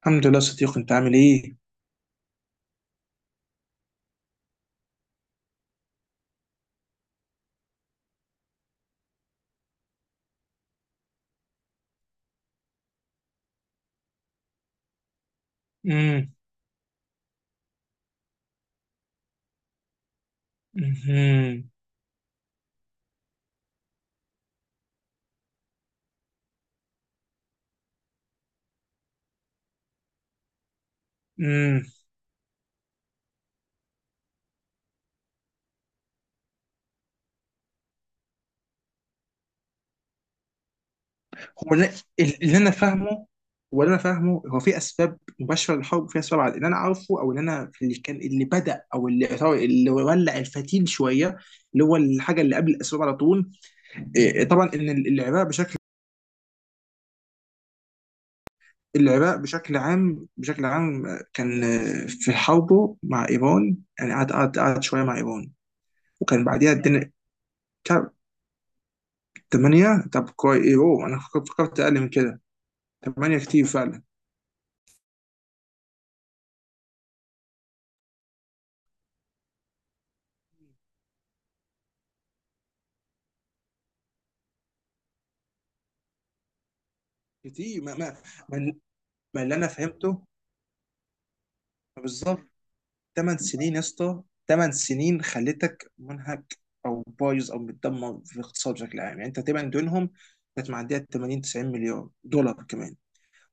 الحمد لله، صديق. انت عامل ايه؟ امم امم امم هو اللي انا فاهمه، هو اللي انا فاهمه، هو في اسباب مباشره للحرب، وفي اسباب على اللي انا عارفه، او اللي انا في اللي كان اللي بدا او اللي اللي ولع الفتيل شويه، اللي هو الحاجه اللي قبل الاسباب على طول. إيه، إيه، طبعا ان العراق بشكل، العراق بشكل عام، بشكل عام كان في حربه مع ايران، يعني قعد شويه مع ايران، وكان بعديها الدنيا. طب، 8 طب كويس. ايه، اوه، انا فكرت اقل من كده. ثمانية كتير فعلا. كتير. ما, ما اللي انا فهمته. بالظبط. ثمان سنين يا اسطى، ثمان سنين خلتك منهك او بايظ او متدمر في الاقتصاد بشكل عام. يعني انت تقريبا دونهم كانت معديه 80 90 مليار دولار كمان،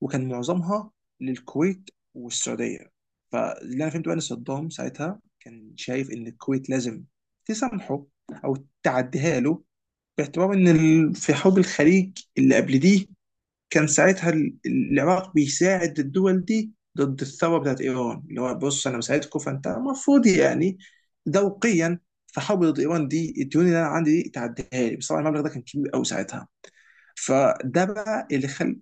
وكان معظمها للكويت والسعوديه. فاللي انا فهمته بقى، ان صدام ساعتها كان شايف ان الكويت لازم تسامحه، او تعديها له، باعتبار ان في حرب الخليج اللي قبل دي كان ساعتها العراق بيساعد الدول دي ضد الثوره بتاعت ايران، اللي هو بص، انا مساعدكم، فانت المفروض يعني ذوقيا، فحاول ضد ايران دي، الديون اللي انا عندي دي تعديها لي. بس طبعا المبلغ ده كان كبير قوي ساعتها. فده بقى اللي خل،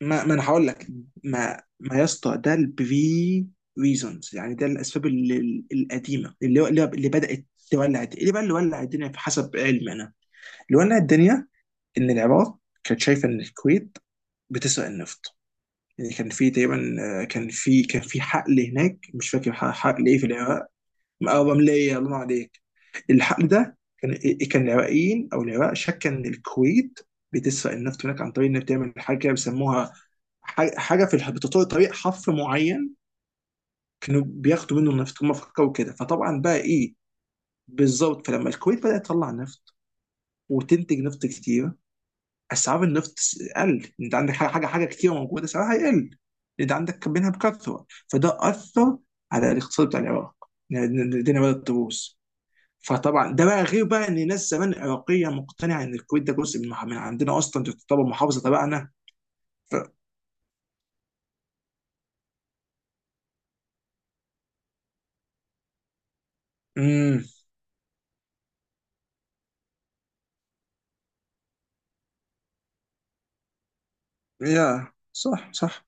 ما, ما انا هقول لك، ما ما يا اسطى، ده البري ريزونز. يعني ده الاسباب القديمه، اللي بدات تولع اللي بقى اللي ولع الدنيا، في حسب علمي انا. اللي ولع الدنيا ان العراق كانت شايفه ان الكويت بتسرق النفط. يعني كان في تقريبا كان في، كان في حقل هناك، مش فاكر حقل ايه في العراق. او رمليه، الله ينور عليك. الحقل ده كان كان العراقيين او العراق شك ان الكويت بتسرق النفط هناك، عن طريق انها بتعمل حاجه كده بيسموها حاجه في بتطور طريق حفر معين، كانوا بياخدوا منه النفط هم، فكروا كده. فطبعا بقى ايه، بالظبط. فلما الكويت بدات تطلع نفط وتنتج نفط كتير، اسعار النفط قل. انت عندك حاجه كتير موجوده، سعرها هيقل، انت عندك منها بكثره. فده اثر على الاقتصاد بتاع العراق، الدنيا بدات تبوظ. فطبعا ده بقى غير بقى ان ناس زمان عراقيه مقتنعه ان الكويت ده جزء من عندنا اصلا، تعتبر محافظه تبعنا. ف، امم يا صح، صح.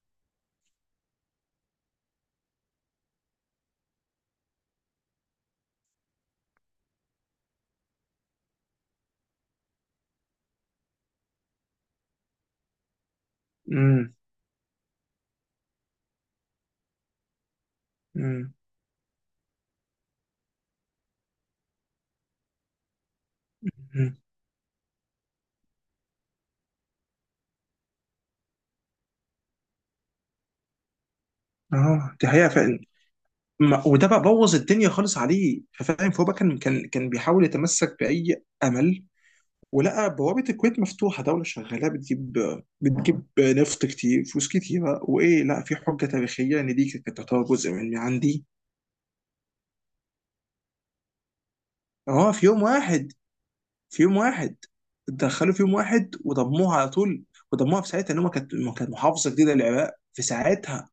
امم امم أمم. اه، دي حقيقه فعلا. وده بقى بوظ الدنيا خالص عليه، فاهم؟ فهو بقى كان بيحاول يتمسك باي امل، ولقى بوابة الكويت مفتوحة، دولة شغالة بتجيب نفط كتير، فلوس كتيرة. لا، في حجة تاريخية إن دي كانت تعتبر جزء من عندي. أه، في يوم واحد، في يوم واحد دخلوا في يوم واحد وضموها على طول. وضموها في ساعتها، إن هم كانت، ما كانت محافظة جديدة للعراق في ساعتها،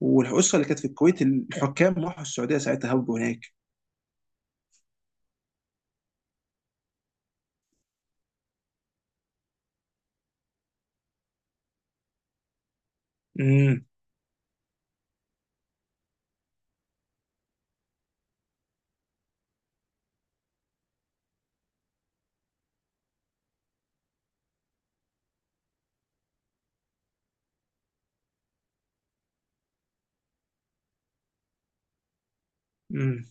والأسرة اللي كانت في الكويت الحكام راحوا السعودية ساعتها، هربوا هناك. امم امم.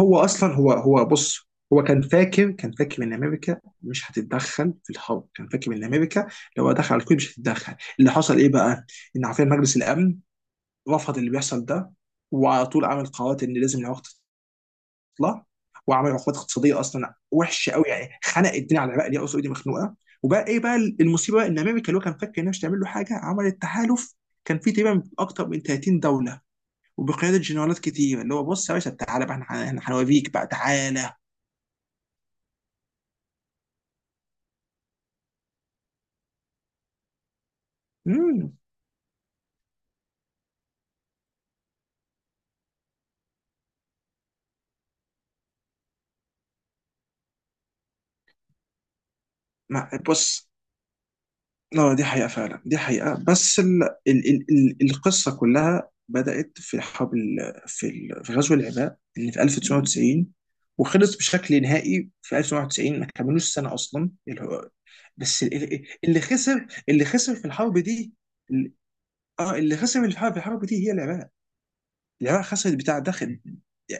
هو اصلا، هو بص، هو كان فاكر، كان فاكر ان امريكا مش هتتدخل في الحرب. كان فاكر ان امريكا لو دخل على الكويت مش هتتدخل. اللي حصل ايه بقى، ان عارفين مجلس الامن رفض اللي بيحصل ده، وعلى طول عمل قرارات ان لازم العراق تطلع، وعمل عقوبات اقتصاديه اصلا وحشه قوي، يعني خنق الدنيا على العراق اللي هي اصلا ايدي مخنوقه. وبقى ايه بقى المصيبه بقى، ان امريكا اللي هو كان فاكر انها مش هتعمل له حاجه، عملت تحالف كان فيه تقريبا اكتر من 30 دوله، وبقياده جنرالات كتير، اللي هو بص يا باشا، تعالى بقى، احنا هنوريك بقى، تعالى. امم ما بص، لا دي حقيقة فعلا، دي حقيقة. بس القصة كلها بدأت في حرب في غزو العراق اللي في 1990، وخلص بشكل نهائي في 1991. ما كملوش سنة أصلا اللي هو. بس اللي خسر، اللي خسر في الحرب دي، ال- اه، اللي خسر في الحرب، في الحرب دي هي العراق. العراق خسرت بتاع داخل،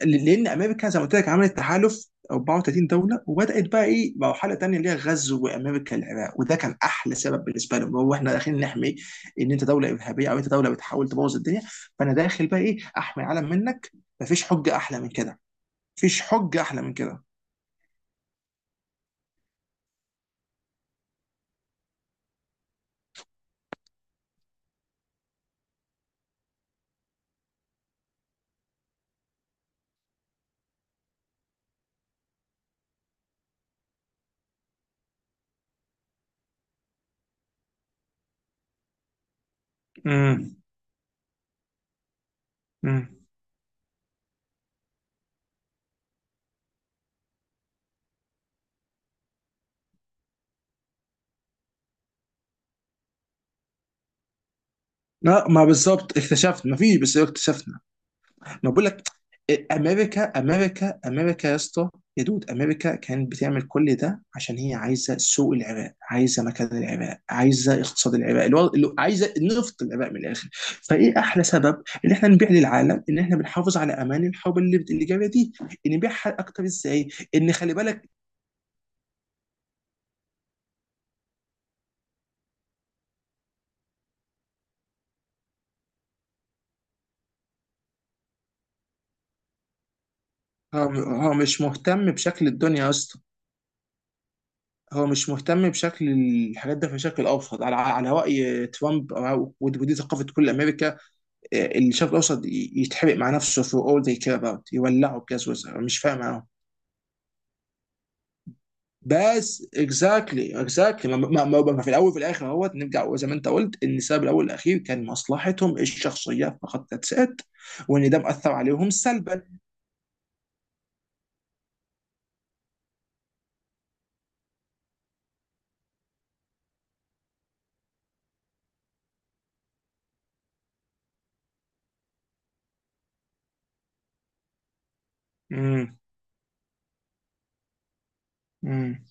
لان امريكا زي ما قلت لك عملت تحالف 34 دوله، وبدات بقى ايه مرحله تانيه، اللي هي غزو امريكا العراق، وده كان احلى سبب بالنسبه لهم. هو احنا داخلين نحمي، ان انت دوله ارهابيه او انت دوله بتحاول تبوظ الدنيا، فانا داخل بقى ايه، احمي العالم منك. مفيش حجه احلى من كده، مفيش حجه احلى من كده. امم امم لا، ما بالظبط اكتشفت مفيش، بس اكتشفنا. انا بقول لك، امريكا يا اسطى، يا دود، امريكا كانت بتعمل كل ده عشان هي عايزه سوق العراق، عايزه مكان العراق، عايزه اقتصاد العراق الوضع، اللي عايزه نفط العراق من الاخر. فايه احلى سبب ان احنا نبيع للعالم ان احنا بنحافظ على امان الحرب اللي جايه دي، إن نبيعها اكتر ازاي. ان خلي بالك، هو، هو مش مهتم بشكل الدنيا يا اسطى، هو مش مهتم بشكل الحاجات ده، بشكل ابسط على على راي ترامب ودي ثقافه كل امريكا. الشرق الاوسط يتحرق مع نفسه، for all they care about، يولعوا بجاز وزع. مش فارق معاهم. بس اكزاكتلي، اكزاكتلي، ما, ما, ما في الاول وفي الاخر اهوت نرجع زي ما انت قلت، ان السبب الاول والاخير كان مصلحتهم الشخصيه فقط، ذاتس ات. وان ده مأثر عليهم سلبا. امم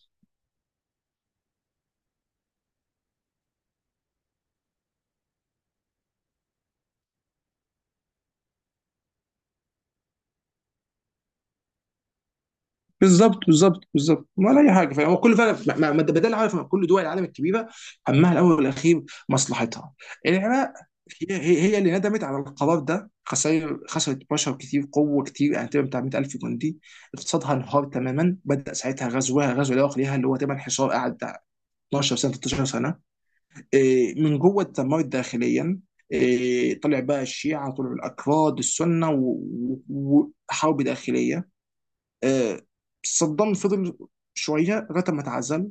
بالظبط، بالظبط، بالظبط ولا اي حاجه. فهو كل فعلا، ما ما- ما ده ده اللي، عارف، كل دول العالم الكبيره همها الاول والاخير مصلحتها. العراق، هي اللي ندمت على القرار ده. خسائر، خسرت بشر كتير، قوه كتير، يعني تقريبا بتاع 100,000 جندي. اقتصادها انهار تماما. بدا ساعتها غزوها، غزو العراق ليها، اللي هو تقريبا حصار قعد بتاع 12 سنه، 13 سنه. من جوه اتدمرت داخليا. طلع بقى الشيعه، طلعوا الاكراد، السنه، وحرب داخليه. آه، صدام فضل شويه لغايه ما اتعزل،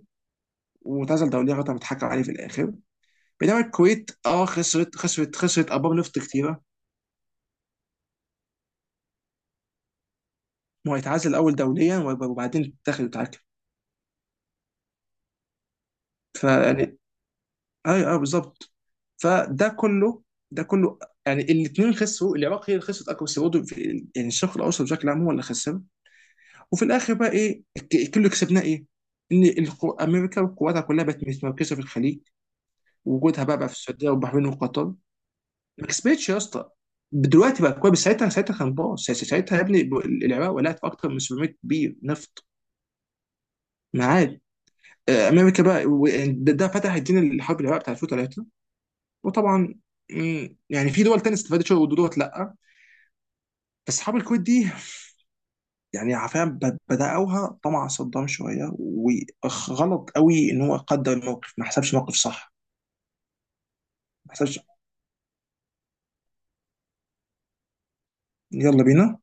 واتعزل دوليا لغايه ما اتحكم عليه في الاخر. بينما الكويت اه خسرت، خسرت ابار نفط كتيره. ما هو هيتعزل الاول دوليا وبعدين تاخد وتعاكل. فيعني، ايوه، ايوه، بالظبط. فده كله، ده كله، يعني الاثنين خسروا. العراق هي اللي خسرت اكبر، بس برضه يعني الشرق الاوسط بشكل عام هو اللي خسر. وفي الاخر بقى ايه كله كسبناه ايه؟ ان امريكا وقواتها كلها بقت متمركزه في الخليج، وجودها بقى في السعوديه والبحرين وقطر. ما كسبتش يا اسطى، دلوقتي بقى كويس. ساعتها كان باص، ساعتها يا ابني، العراق ولعت في اكتر من 700 بير نفط معاد. امريكا بقى ده فتح الدين الحرب العراق بتاع 2003. وطبعا يعني في دول تانية استفادت شويه ودول لا. بس حرب الكويت دي، يعني فعلا بدأوها طمع صدام شويه، وغلط قوي ان هو قدر الموقف، ما حسبش موقف صح، ما حسبش. يلا بينا.